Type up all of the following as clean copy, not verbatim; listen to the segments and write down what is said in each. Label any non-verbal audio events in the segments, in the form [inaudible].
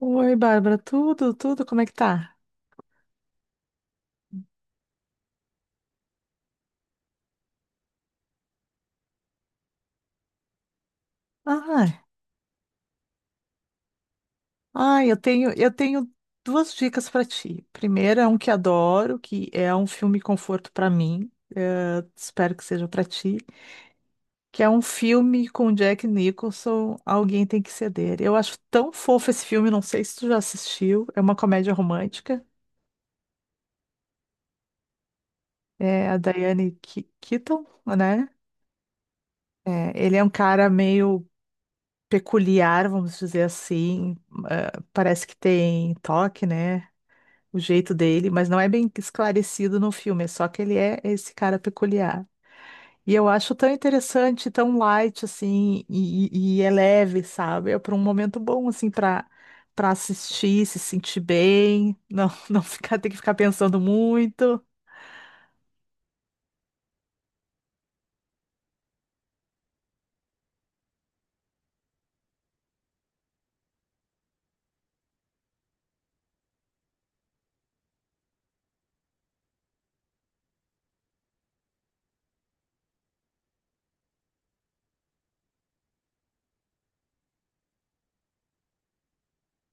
Oi, Bárbara, tudo, tudo, como é que tá? Ai, ai, eu tenho duas dicas pra ti. Primeiro é um que adoro, que é um filme conforto pra mim, espero que seja pra ti, que é um filme com Jack Nicholson, Alguém Tem que Ceder. Eu acho tão fofo esse filme, não sei se tu já assistiu, é uma comédia romântica, é a Keaton, né? É, ele é um cara meio peculiar, vamos dizer assim, parece que tem toque, né? O jeito dele, mas não é bem esclarecido no filme, é só que ele é esse cara peculiar. E eu acho tão interessante, tão light, assim, e é leve, sabe? É para um momento bom, assim, para assistir, se sentir bem, não, [laughs] não ficar, ter que ficar pensando muito.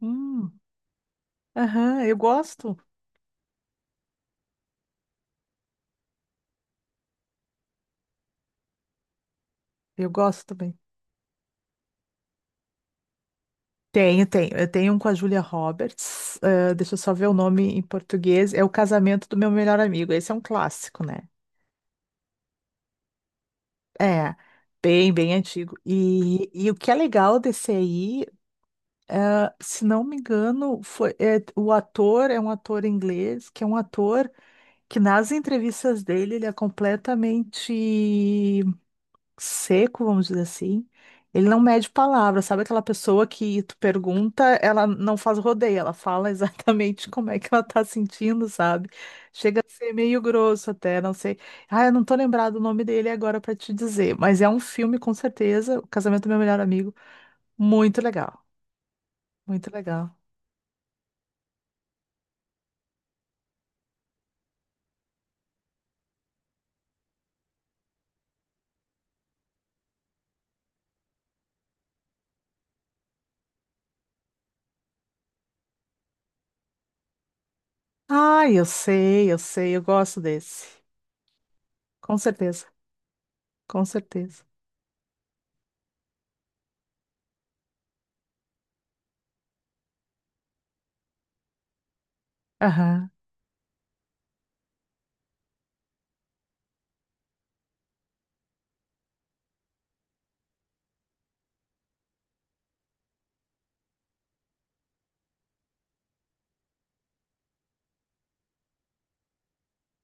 Hum, aham, eu gosto também. Tenho, tenho. Eu tenho um com a Julia Roberts. Deixa eu só ver o nome em português. É O Casamento do Meu Melhor Amigo. Esse é um clássico, né? É, bem, bem antigo. E o que é legal desse aí, ah, se não me engano, foi, é, o ator é um ator inglês, que é um ator que nas entrevistas dele ele é completamente seco, vamos dizer assim, ele não mede palavras, sabe aquela pessoa que tu pergunta, ela não faz rodeio, ela fala exatamente [laughs] como é que ela tá sentindo, sabe? Chega a ser meio grosso até, não sei. Ah, eu não tô lembrado o nome dele agora pra te dizer, mas é um filme com certeza, O Casamento do Meu Melhor Amigo, muito legal, muito legal. Ah, eu sei, eu sei, eu gosto desse. Com certeza, com certeza. Aham.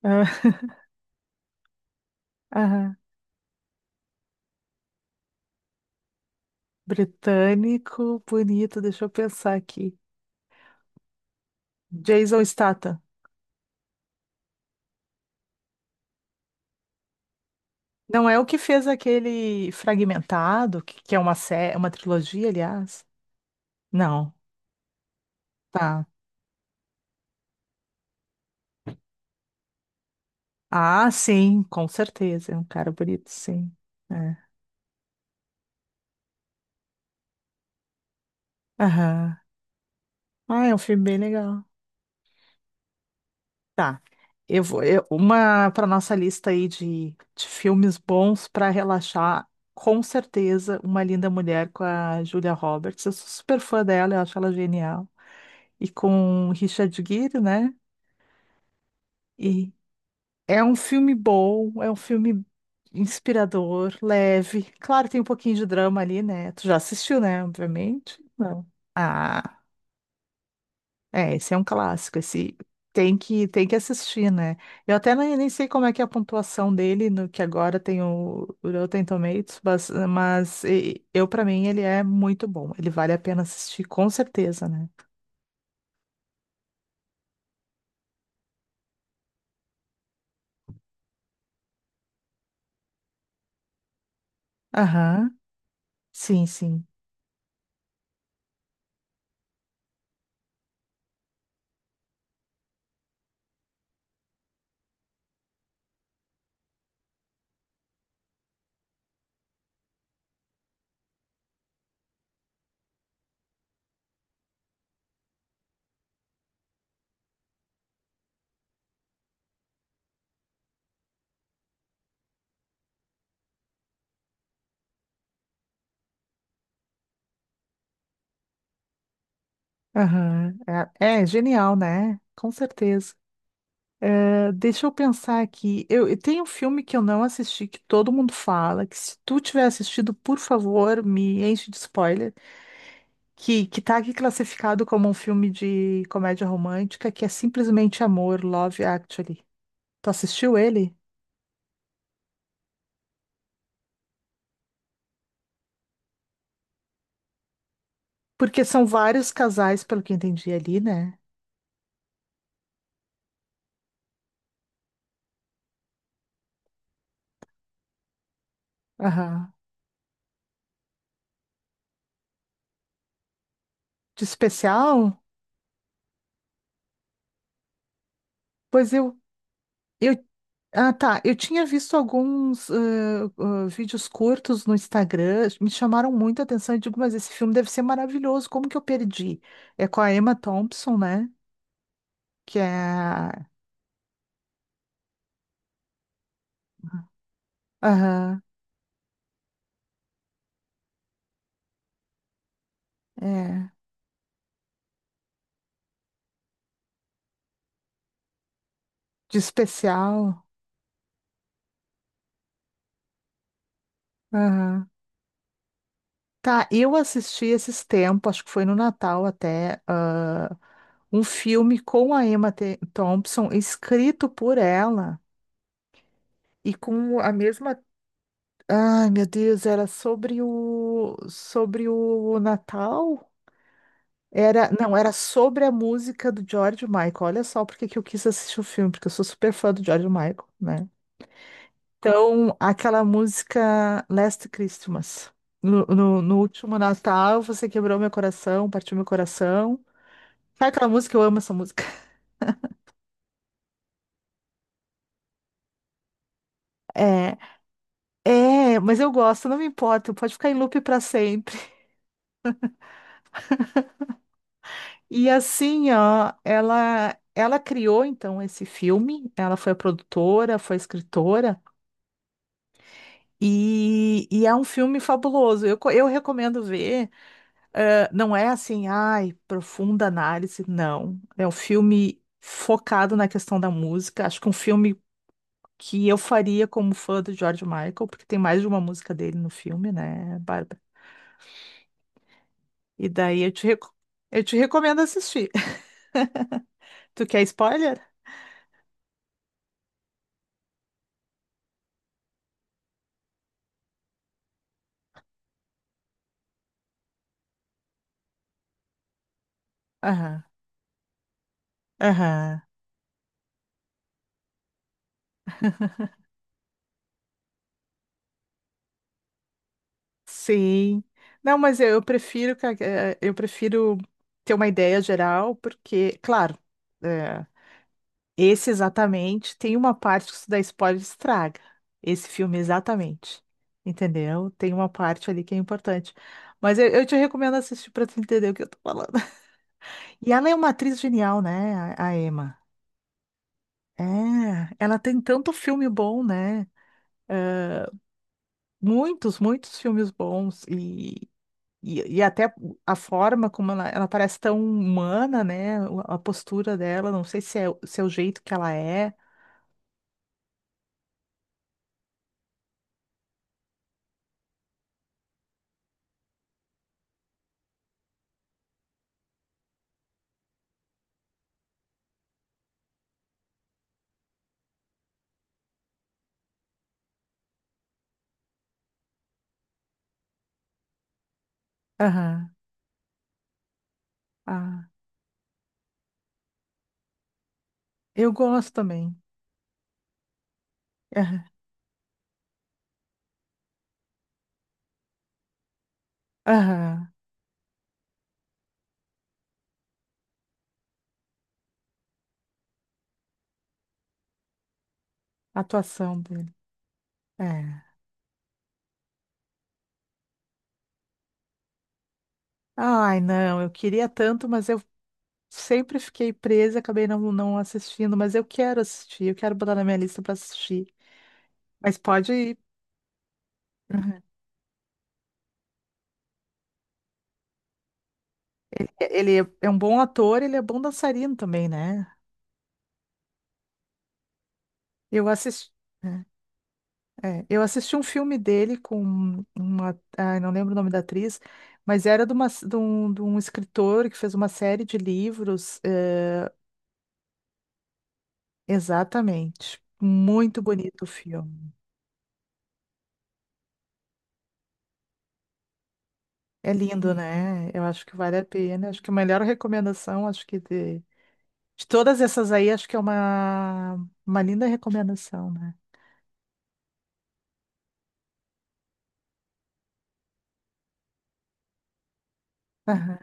Ah, [laughs] aham. Britânico, bonito, deixa eu pensar aqui. Jason Statham. Não é o que fez aquele Fragmentado, que é uma uma trilogia, aliás? Não. Tá. Ah, sim, com certeza. É um cara bonito, sim. É. Aham. Ah, é um filme bem legal. Tá. Uma para nossa lista aí de filmes bons para relaxar, com certeza, Uma Linda Mulher com a Julia Roberts. Eu sou super fã dela, eu acho ela genial. E com Richard Gere, né? E é um filme bom, é um filme inspirador, leve. Claro, tem um pouquinho de drama ali, né? Tu já assistiu, né? Obviamente. Não. Ah, é, esse é um clássico, esse tem que assistir, né? Eu até nem, nem sei como é que é a pontuação dele no que agora tem o Rotten Tomatoes, mas eu para mim ele é muito bom, ele vale a pena assistir com certeza, né? Aham. Sim, sim. Aham. É, é genial, né? Com certeza. Deixa eu pensar aqui. Eu tenho um filme que eu não assisti, que todo mundo fala, que se tu tiver assistido, por favor, me enche de spoiler, que tá aqui classificado como um filme de comédia romântica, que é simplesmente Amor, Love Actually. Tu assistiu ele? Porque são vários casais, pelo que eu entendi ali, né? Aham. De especial? Pois eu. Eu ah, tá. Eu tinha visto alguns vídeos curtos no Instagram, me chamaram muita atenção. Eu digo, mas esse filme deve ser maravilhoso, como que eu perdi? É com a Emma Thompson, né? Que é. Aham, é. De especial. Aham. Tá, eu assisti esses tempos, acho que foi no Natal até, ah, um filme com a Thompson, escrito por ela e com a mesma. Ai, meu Deus, era sobre o Natal? Era, não, era sobre a música do George Michael. Olha só porque que eu quis assistir o filme, porque eu sou super fã do George Michael, né? Então, aquela música Last Christmas. No último Natal, você quebrou meu coração, partiu meu coração. Sabe aquela música? Eu amo essa música. [laughs] É, é, mas eu gosto, não me importa, pode ficar em loop pra sempre. E assim, ó, ela criou então esse filme, ela foi a produtora, foi a escritora, e é um filme fabuloso. Eu recomendo ver. Não é assim, ai, profunda análise, não. É um filme focado na questão da música. Acho que um filme que eu faria como fã do George Michael, porque tem mais de uma música dele no filme, né, Bárbara? E daí eu te recomendo assistir. [laughs] Tu quer spoiler? Aham, aham. Sim. Não, mas eu prefiro, eu prefiro ter uma ideia geral, porque, claro, eh, esse exatamente tem uma parte que se dá spoiler estraga. Esse filme exatamente. Entendeu? Tem uma parte ali que é importante. Mas eu te recomendo assistir para tu entender o que eu tô falando. [laughs] E ela é uma atriz genial, né, a Emma? É, ela tem tanto filme bom, né? Muitos, muitos filmes bons. E até a forma como ela parece tão humana, né? A postura dela, não sei se é, se é o jeito que ela é. Aham. Ah, eu gosto também. Aham. Aham. A atuação dele. É. Ai, não, eu queria tanto, mas eu sempre fiquei presa, acabei não assistindo, mas eu quero assistir, eu quero botar na minha lista para assistir. Mas pode. Ele é É um bom ator, ele é bom dançarino também, né? Eu assisti. Né? É, eu assisti um filme dele com uma, ai, não lembro o nome da atriz, mas era de um escritor que fez uma série de livros, eh, exatamente. Muito bonito o filme. É lindo, né? Eu acho que vale a pena. Acho que a melhor recomendação, acho que de todas essas aí, acho que é uma linda recomendação, né? Aham.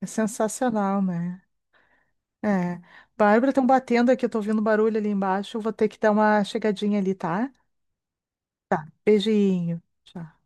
É sensacional, né? É. Bárbara, estão batendo aqui, eu tô ouvindo barulho ali embaixo. Eu vou ter que dar uma chegadinha ali, tá? Beijinho. Tchau.